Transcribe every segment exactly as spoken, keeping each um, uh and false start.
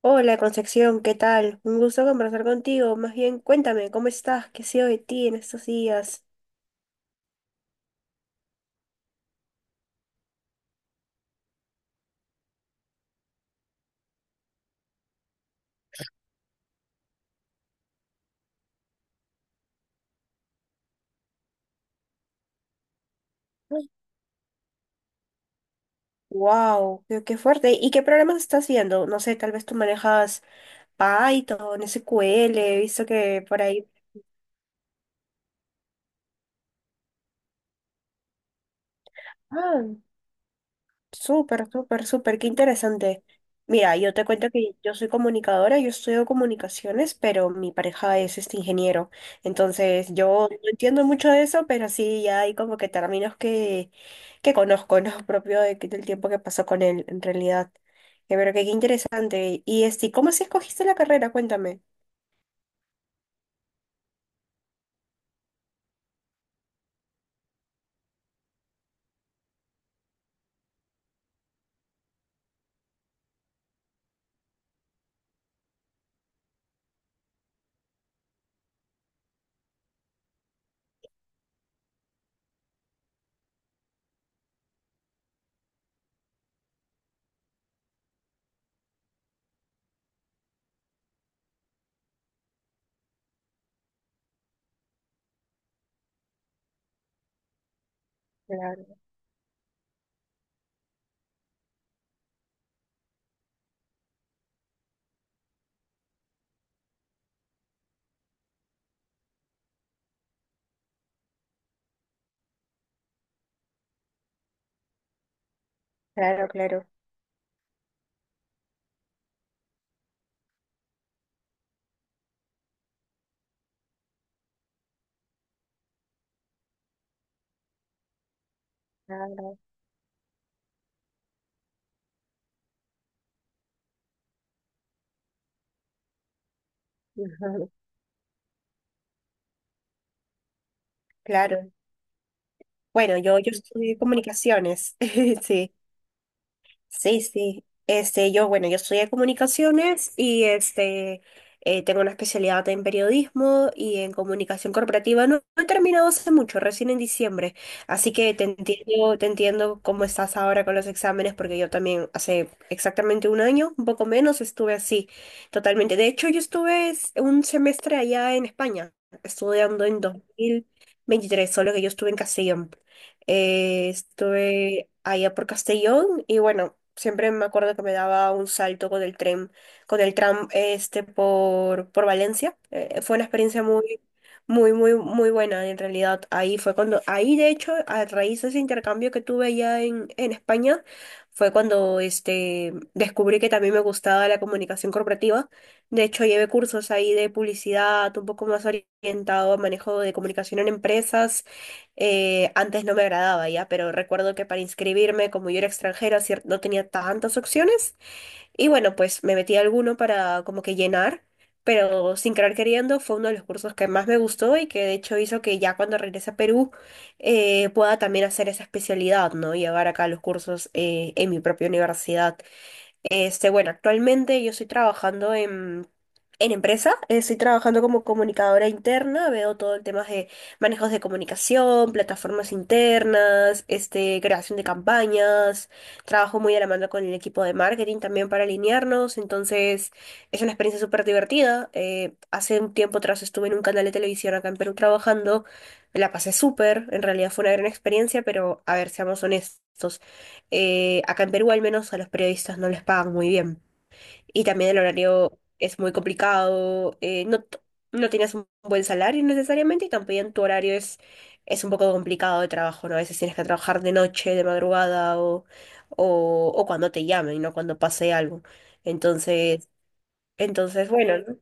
Hola Concepción, ¿qué tal? Un gusto conversar contigo. Más bien, cuéntame, ¿cómo estás? ¿Qué ha sido de ti en estos días? Wow, qué, qué fuerte. ¿Y qué programas estás viendo? No sé, tal vez tú manejas Python, S Q L, he visto que por ahí. Ah. Súper, súper, súper, qué interesante. Mira, yo te cuento que yo soy comunicadora, yo estudio comunicaciones, pero mi pareja es este ingeniero. Entonces, yo no entiendo mucho de eso, pero sí ya hay como que términos que, que conozco, ¿no? Propio de que- del tiempo que pasó con él, en realidad. Eh, Pero que qué interesante. Y este, ¿cómo así escogiste la carrera? Cuéntame. Claro, claro, claro, claro. Ujú. Claro. Bueno, yo, yo estudié comunicaciones, sí. Sí, sí. Este, yo, bueno, yo estudié comunicaciones y este, eh, tengo una especialidad en periodismo y en comunicación corporativa. No, no he terminado hace mucho, recién en diciembre. Así que te entiendo, te entiendo cómo estás ahora con los exámenes, porque yo también hace exactamente un año, un poco menos, estuve así, totalmente. De hecho, yo estuve es- un semestre allá en España, estudiando en dos mil veintitrés, solo que yo estuve en Castellón. Eh, estuve allá por Castellón y bueno, siempre me acuerdo que me daba un salto con el tren, con el tram este por, por Valencia. Eh, fue una experiencia muy, muy, muy, muy buena en realidad. Ahí fue cuando, ahí de hecho, a raíz de ese intercambio que tuve allá en, en España, fue cuando este, descubrí que también me gustaba la comunicación corporativa. De hecho, llevé cursos ahí de publicidad, un poco más orientado a manejo de comunicación en empresas eh, antes no me agradaba ya, pero recuerdo que para inscribirme, como yo era extranjera, cier- no tenía tantas opciones. Y bueno, pues me metí a alguno para como que llenar, pero sin querer queriendo fue uno de los cursos que más me gustó y que de hecho hizo que ya cuando regrese a Perú eh, pueda también hacer esa especialidad, ¿no? Llevar acá los cursos eh, en mi propia universidad. Este, bueno, actualmente yo estoy trabajando en, en empresa, eh, estoy trabajando como comunicadora interna, veo todo el tema de manejos de comunicación, plataformas internas, este, creación de campañas, trabajo muy de la mano con el equipo de marketing también para alinearnos, entonces es una experiencia súper divertida. Eh, hace un tiempo atrás estuve en un canal de televisión acá en Perú trabajando, la pasé súper, en realidad fue una gran experiencia, pero a ver, seamos honestos. Eh, acá en Perú al menos a los periodistas no les pagan muy bien. Y también el horario es muy complicado, eh, no, t- no tienes un buen salario necesariamente y también tu horario es, es un poco complicado de trabajo, ¿no? A veces tienes que trabajar de noche, de madrugada o, o, o cuando te llamen, no cuando pase algo. Entonces, entonces bueno, ¿no?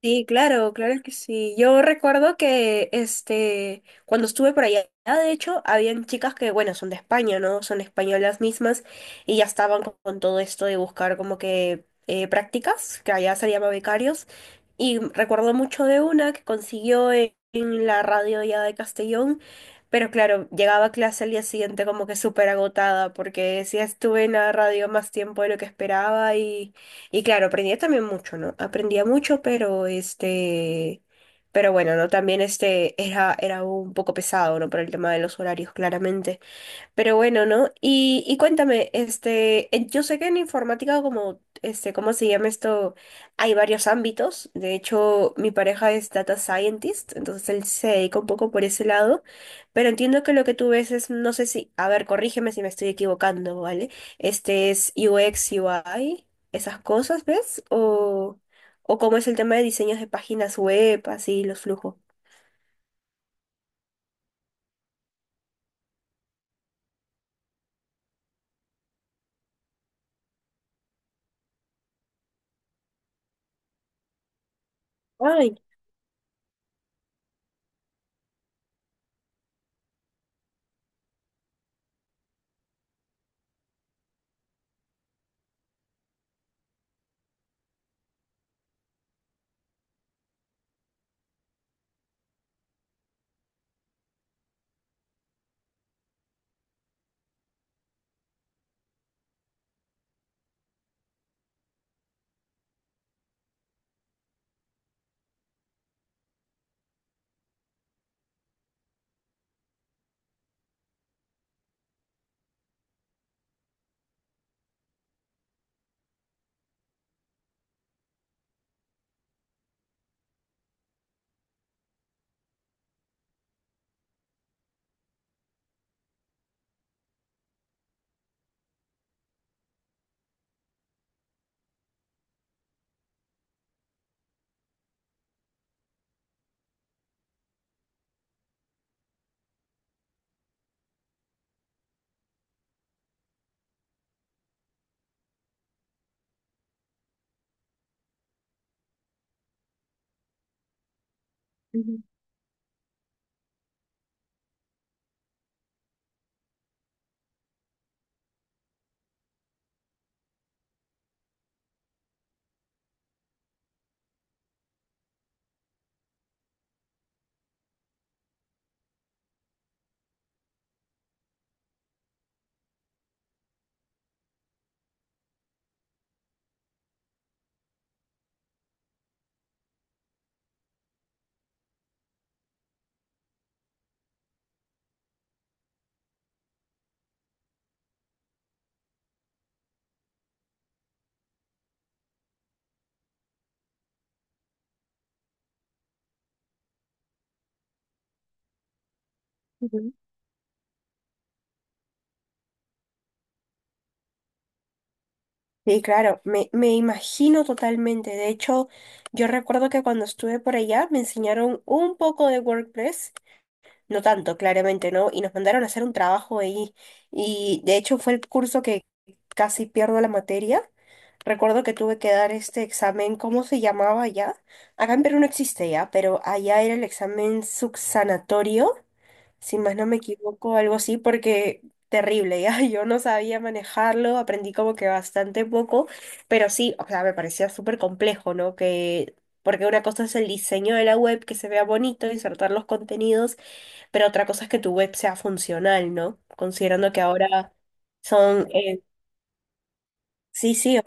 Sí, claro, claro que sí. Yo recuerdo que este, cuando estuve por allá, de hecho, habían chicas que, bueno, son de España, ¿no? Son españolas mismas y ya estaban con, con todo esto de buscar como que eh, prácticas, que allá se llama becarios. Y recuerdo mucho de una que consiguió en, en la radio ya de Castellón, pero claro, llegaba a clase al día siguiente como que súper agotada porque sí estuve en la radio más tiempo de lo que esperaba y claro, aprendía también mucho, ¿no? Aprendía mucho, pero este, pero bueno, ¿no? También este era, era un poco pesado, ¿no? Por el tema de los horarios, claramente. Pero bueno, ¿no? Y, y cuéntame, este, en- yo sé que en informática, como, este, ¿cómo se llama esto? Hay varios ámbitos. De hecho, mi pareja es data scientist, entonces él se dedica un poco por ese lado. Pero entiendo que lo que tú ves es, no sé si, a ver, corrígeme si me estoy equivocando, ¿vale? Este es U X, U I, esas cosas, ¿ves? O, o cómo es el tema de diseños de páginas web, así, los flujos. Ay. Ujú, ujú. Sí, claro, me, me imagino totalmente. De hecho, yo recuerdo que cuando estuve por allá me enseñaron un poco de WordPress, no tanto, claramente, ¿no? Y nos mandaron a hacer un trabajo ahí. Y de hecho fue el curso que casi pierdo la materia. Recuerdo que tuve que dar este examen, ¿cómo se llamaba allá? Acá en Perú no existe ya, pero allá era el examen subsanatorio si más no me equivoco, algo así, porque terrible, ya yo no sabía manejarlo, aprendí como que bastante poco, pero sí, o sea, me parecía súper complejo, ¿no? Que, porque una cosa es el diseño de la web, que se vea bonito, insertar los contenidos, pero otra cosa es que tu web sea funcional, ¿no? Considerando que ahora son, eh, sí, sí.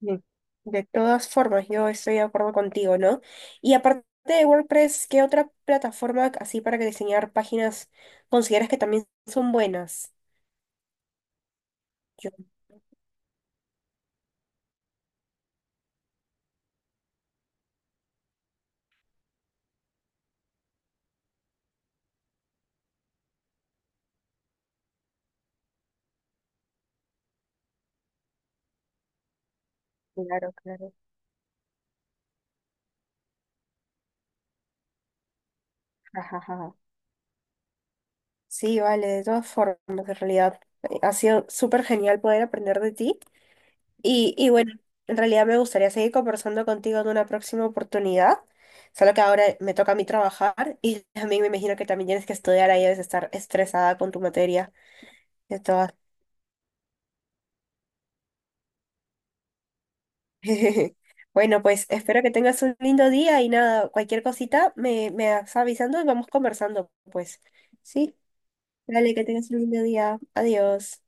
Mm. De todas formas, yo estoy de acuerdo contigo, ¿no? Y aparte de WordPress, ¿qué otra plataforma así para que diseñar páginas consideras que también son buenas? Yo, claro, claro. Ajá. Sí, vale, de todas formas, en realidad. eh, Ha sido súper genial poder aprender de ti. Y, y bueno, en realidad me gustaría seguir conversando contigo en una próxima oportunidad. Solo que ahora me toca a mí trabajar y también me imagino que también tienes que estudiar ahí, debes estar estresada con tu materia. De todas. Bueno, pues espero que tengas un lindo día y nada, cualquier cosita me, me vas avisando y vamos conversando, pues. Sí, dale, que tengas un lindo día. Adiós.